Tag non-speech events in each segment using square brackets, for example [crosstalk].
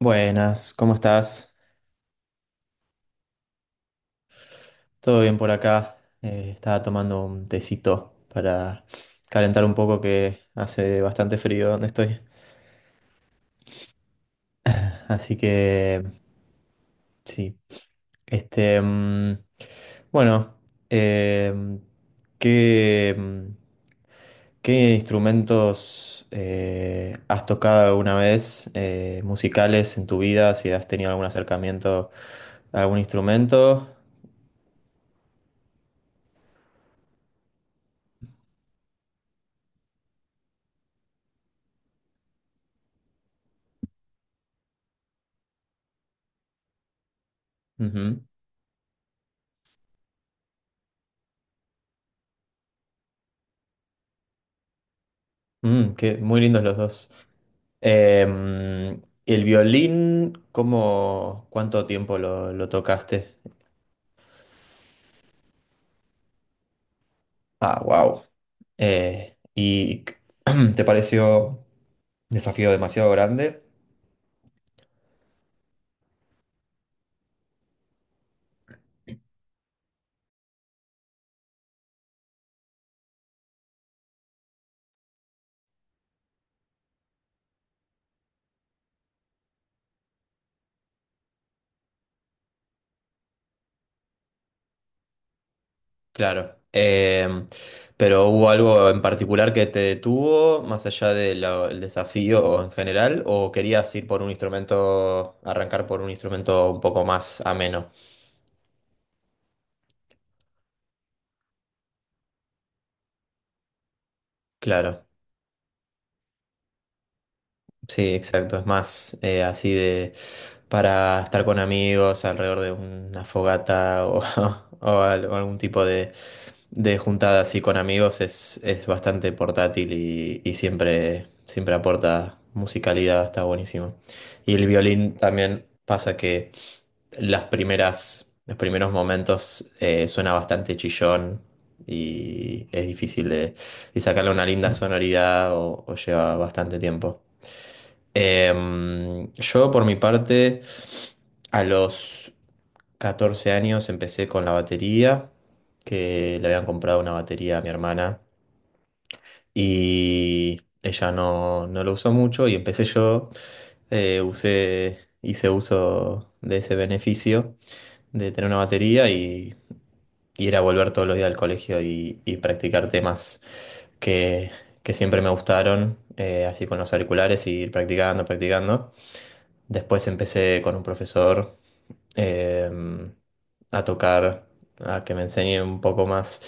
Buenas, ¿cómo estás? ¿Todo bien por acá? Estaba tomando un tecito para calentar un poco que hace bastante frío donde estoy. Así que sí. Este, bueno, em, ¿qué, qué instrumentos has tocado alguna vez musicales en tu vida? Si has tenido algún acercamiento a algún instrumento. Ujú. Mm, qué, muy lindos los dos. El violín, ¿ cuánto tiempo lo tocaste? Ah, wow. ¿Y [clears throat] te pareció un desafío demasiado grande? Claro. Pero ¿hubo algo en particular que te detuvo, más allá del desafío en general, o querías ir por un instrumento, arrancar por un instrumento un poco más ameno? Claro. Sí, exacto. Es más así de para estar con amigos alrededor de una fogata, o, [laughs] o o algún tipo de juntada así con amigos, es bastante portátil y siempre, siempre aporta musicalidad, está buenísimo. Y el violín también pasa que los primeros momentos suena bastante chillón y es difícil y sacarle una linda sonoridad, o lleva bastante tiempo. Yo por mi parte, a los 14 años empecé con la batería, que le habían comprado una batería a mi hermana y ella no, no lo usó mucho y empecé yo, hice uso de ese beneficio de tener una batería y era volver todos los días al colegio y practicar temas que, que siempre me gustaron, así con los auriculares y ir practicando, practicando. Después empecé con un profesor, em, a tocar, a que me enseñe un poco más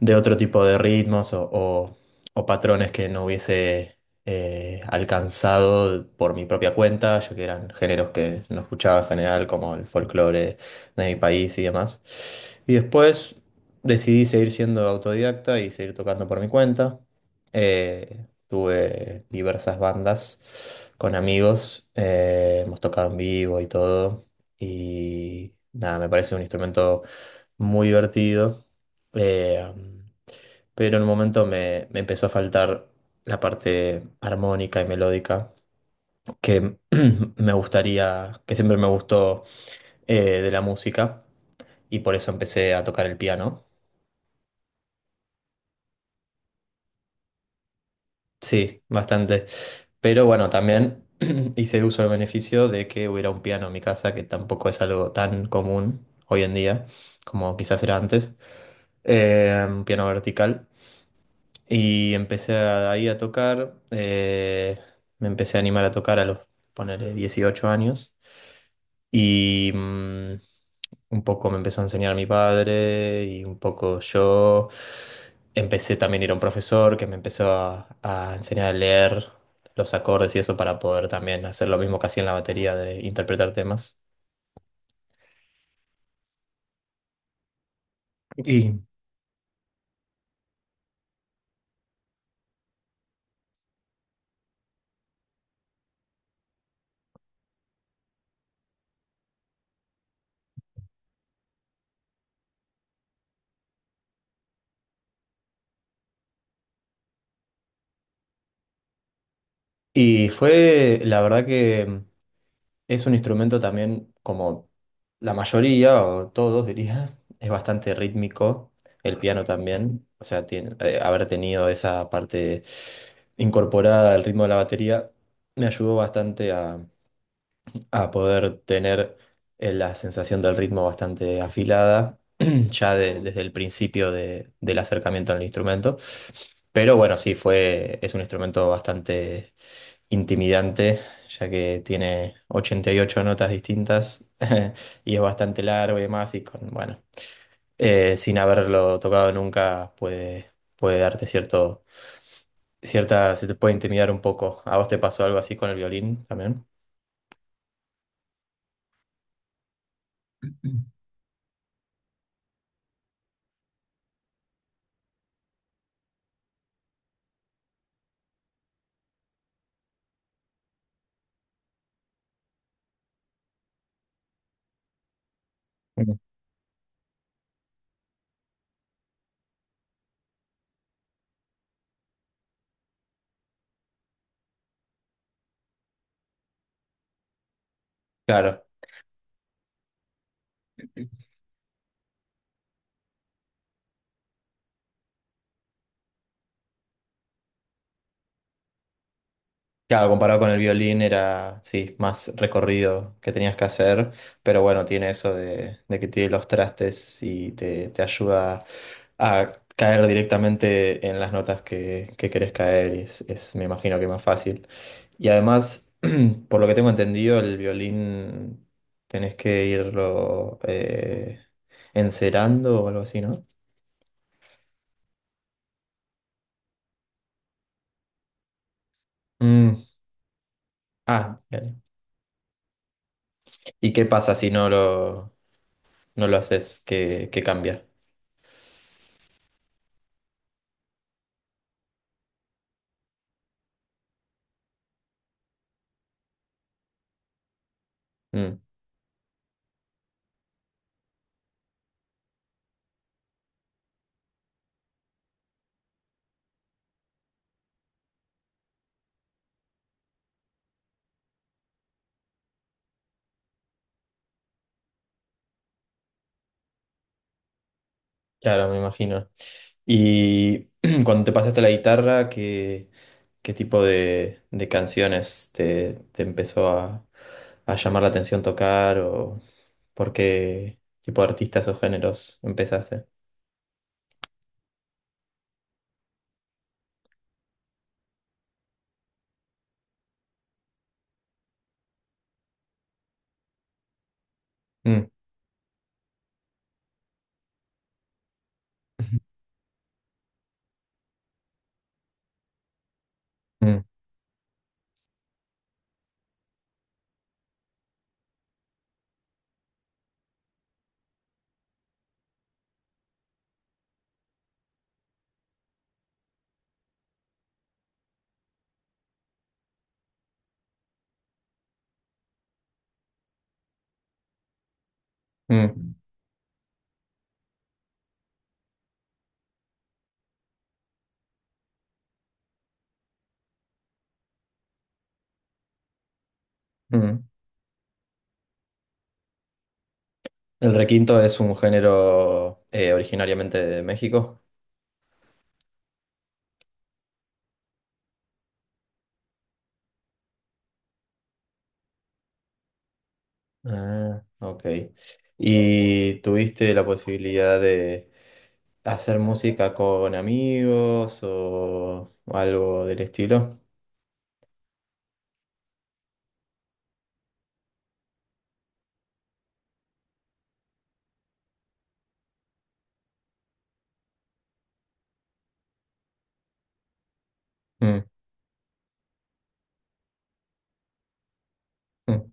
de otro tipo de ritmos, o patrones que no hubiese alcanzado por mi propia cuenta, ya que eran géneros que no escuchaba en general, como el folclore de mi país y demás. Y después decidí seguir siendo autodidacta y seguir tocando por mi cuenta. Tuve diversas bandas con amigos, hemos tocado en vivo y todo. Y nada, me parece un instrumento muy divertido. Eh, pero en un momento me empezó a faltar la parte armónica y melódica que [clears throat] me gustaría, que siempre me gustó de la música, y por eso empecé a tocar el piano. Sí, bastante. Pero bueno, también [clears throat] hice uso del beneficio de que hubiera un piano en mi casa, que tampoco es algo tan común hoy en día como quizás era antes, un piano vertical. Y ahí a tocar, me empecé a animar a tocar a los, ponele, 18 años. Y un poco me empezó a enseñar mi padre y un poco yo. Empecé también a ir a un profesor que me empezó a enseñar a leer los acordes y eso para poder también hacer lo mismo que hacía en la batería de interpretar temas. Y, y fue, la verdad que... Es un instrumento también, como la mayoría, o todos diría, [laughs] es bastante rítmico. El piano también, o sea, haber tenido esa parte incorporada al ritmo de la batería me ayudó bastante a poder tener la sensación del ritmo bastante afilada, [clears throat] ya desde el principio del acercamiento al instrumento. Pero bueno, sí, fue, es un instrumento bastante intimidante, ya que tiene 88 notas distintas [laughs] y es bastante largo y demás, y con, bueno, sin haberlo tocado nunca puede darte cierto, cierta, se te puede intimidar un poco. ¿A vos te pasó algo así con el violín también? Mm. Claro. Claro, comparado con el violín era, sí, más recorrido que tenías que hacer, pero bueno, tiene eso de que tiene los trastes y te ayuda a caer directamente en las notas que querés caer y es, me imagino que más fácil. Y además, [clears throat] por lo que tengo entendido, el violín tenés que irlo encerando o algo así, ¿no? Mm. Ah, bien. ¿Y qué pasa si no lo, no lo haces? ¿Qué cambia? Mm. Claro, me imagino. Y [clears throat] cuando te pasaste a la guitarra, ¿qué tipo de canciones te empezó a llamar la atención tocar o por qué tipo de artistas o géneros empezaste? Mm, [laughs] mm, mm, mm. ¿El requinto es un género originariamente de México? Ah, ok. ¿Y tuviste la posibilidad de hacer música con amigos o algo del estilo? Mm, mm.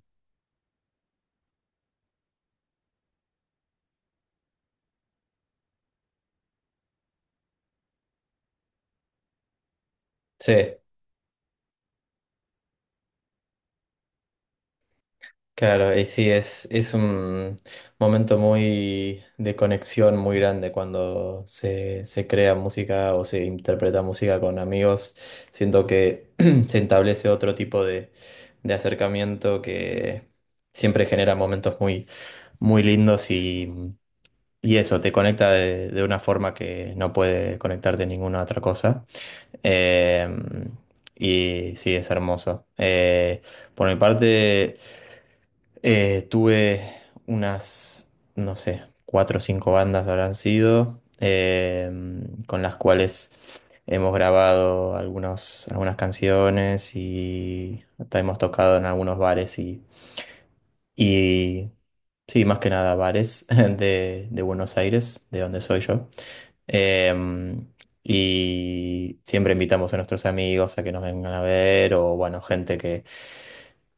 Sí, claro, y sí, es un momento muy de conexión muy grande cuando se crea música o se interpreta música con amigos. Siento que [clears throat] se establece otro tipo de acercamiento que siempre genera momentos muy muy lindos y eso, te conecta de una forma que no puede conectarte ninguna otra cosa. Eh, y sí, es hermoso. Por mi parte, tuve unas, no sé, 4 o 5 bandas habrán sido, con las cuales... Hemos grabado algunas canciones y hasta hemos tocado en algunos bares y sí, más que nada bares [laughs] de Buenos Aires, de donde soy yo. Em, y siempre invitamos a nuestros amigos a que nos vengan a ver, o bueno, gente que,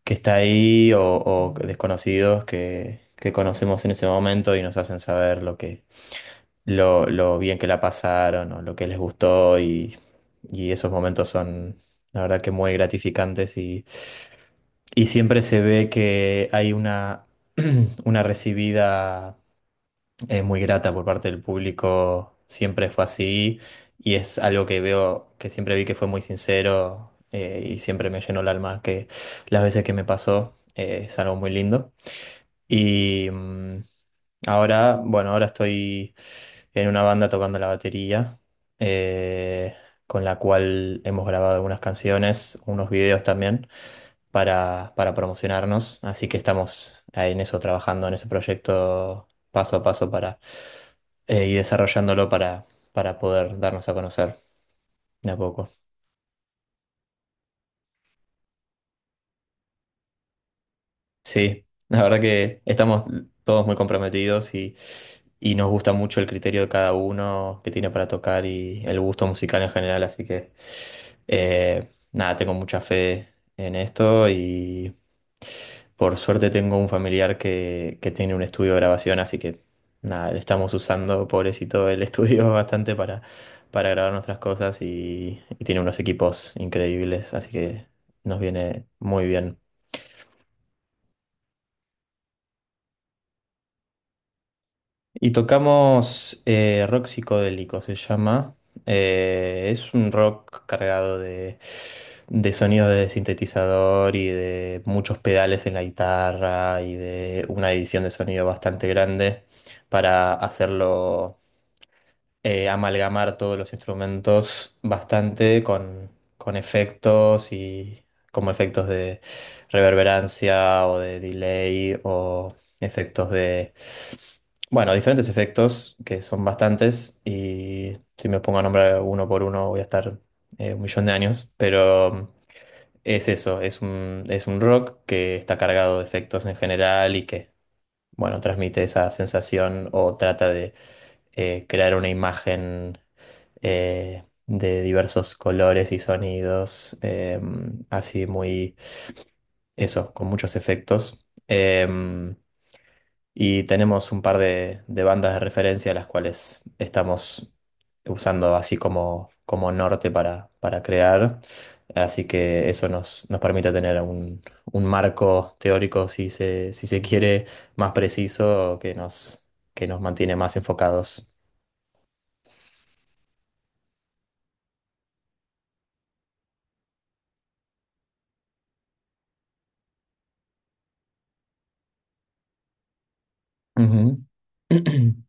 que está ahí, o desconocidos que conocemos en ese momento y nos hacen saber lo bien que la pasaron, o lo que les gustó, y esos momentos son, la verdad que muy gratificantes y siempre se ve que hay [clears throat] una recibida muy grata por parte del público, siempre fue así y es algo que veo, que siempre vi que fue muy sincero y siempre me llenó el alma, que las veces que me pasó es algo muy lindo. Y ahora, bueno, ahora estoy en una banda tocando la batería, eh, con la cual hemos grabado algunas canciones, unos videos también para promocionarnos, así que estamos ahí en eso trabajando, en ese proyecto paso a paso para y desarrollándolo para poder darnos a conocer de a poco. Sí, la verdad que estamos todos muy comprometidos y nos gusta mucho el criterio de cada uno que tiene para tocar y el gusto musical en general, así que nada, tengo mucha fe en esto y por suerte tengo un familiar que tiene un estudio de grabación, así que nada, le estamos usando, pobrecito, el estudio [laughs] bastante para grabar nuestras cosas y tiene unos equipos increíbles, así que nos viene muy bien. Y tocamos rock psicodélico, se llama. Es un rock cargado de sonidos de sintetizador y de muchos pedales en la guitarra y de una edición de sonido bastante grande para hacerlo amalgamar todos los instrumentos bastante con efectos y como efectos de reverberancia o de delay o efectos de bueno, diferentes efectos, que son bastantes, y si me pongo a nombrar uno por uno voy a estar un millón de años, pero es eso, es un rock que está cargado de efectos en general y que, bueno, transmite esa sensación o trata de crear una imagen de diversos colores y sonidos, así muy, eso, con muchos efectos. Y tenemos un par de bandas de referencia las cuales estamos usando así como norte para crear. Así que eso nos permite tener un marco teórico, si se quiere, más preciso que nos mantiene más enfocados. Ujú. [clears throat]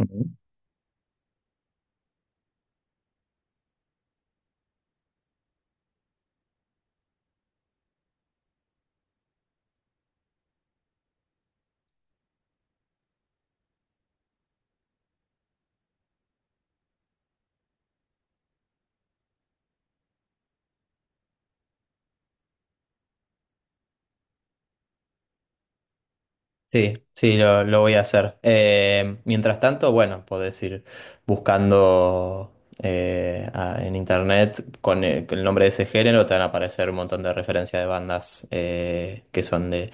Mm. Sí, sí, lo voy a hacer. Mientras tanto, bueno, podés ir buscando en internet con el nombre de ese género, te van a aparecer un montón de referencias de bandas que son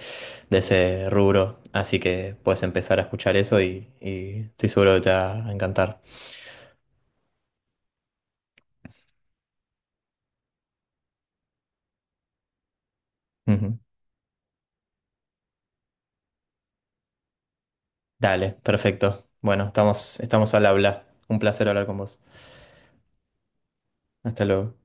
de ese rubro. Así que puedes empezar a escuchar eso y estoy seguro que te va a encantar. Ujú. Dale, perfecto. Bueno, estamos al habla. Un placer hablar con vos. Hasta luego.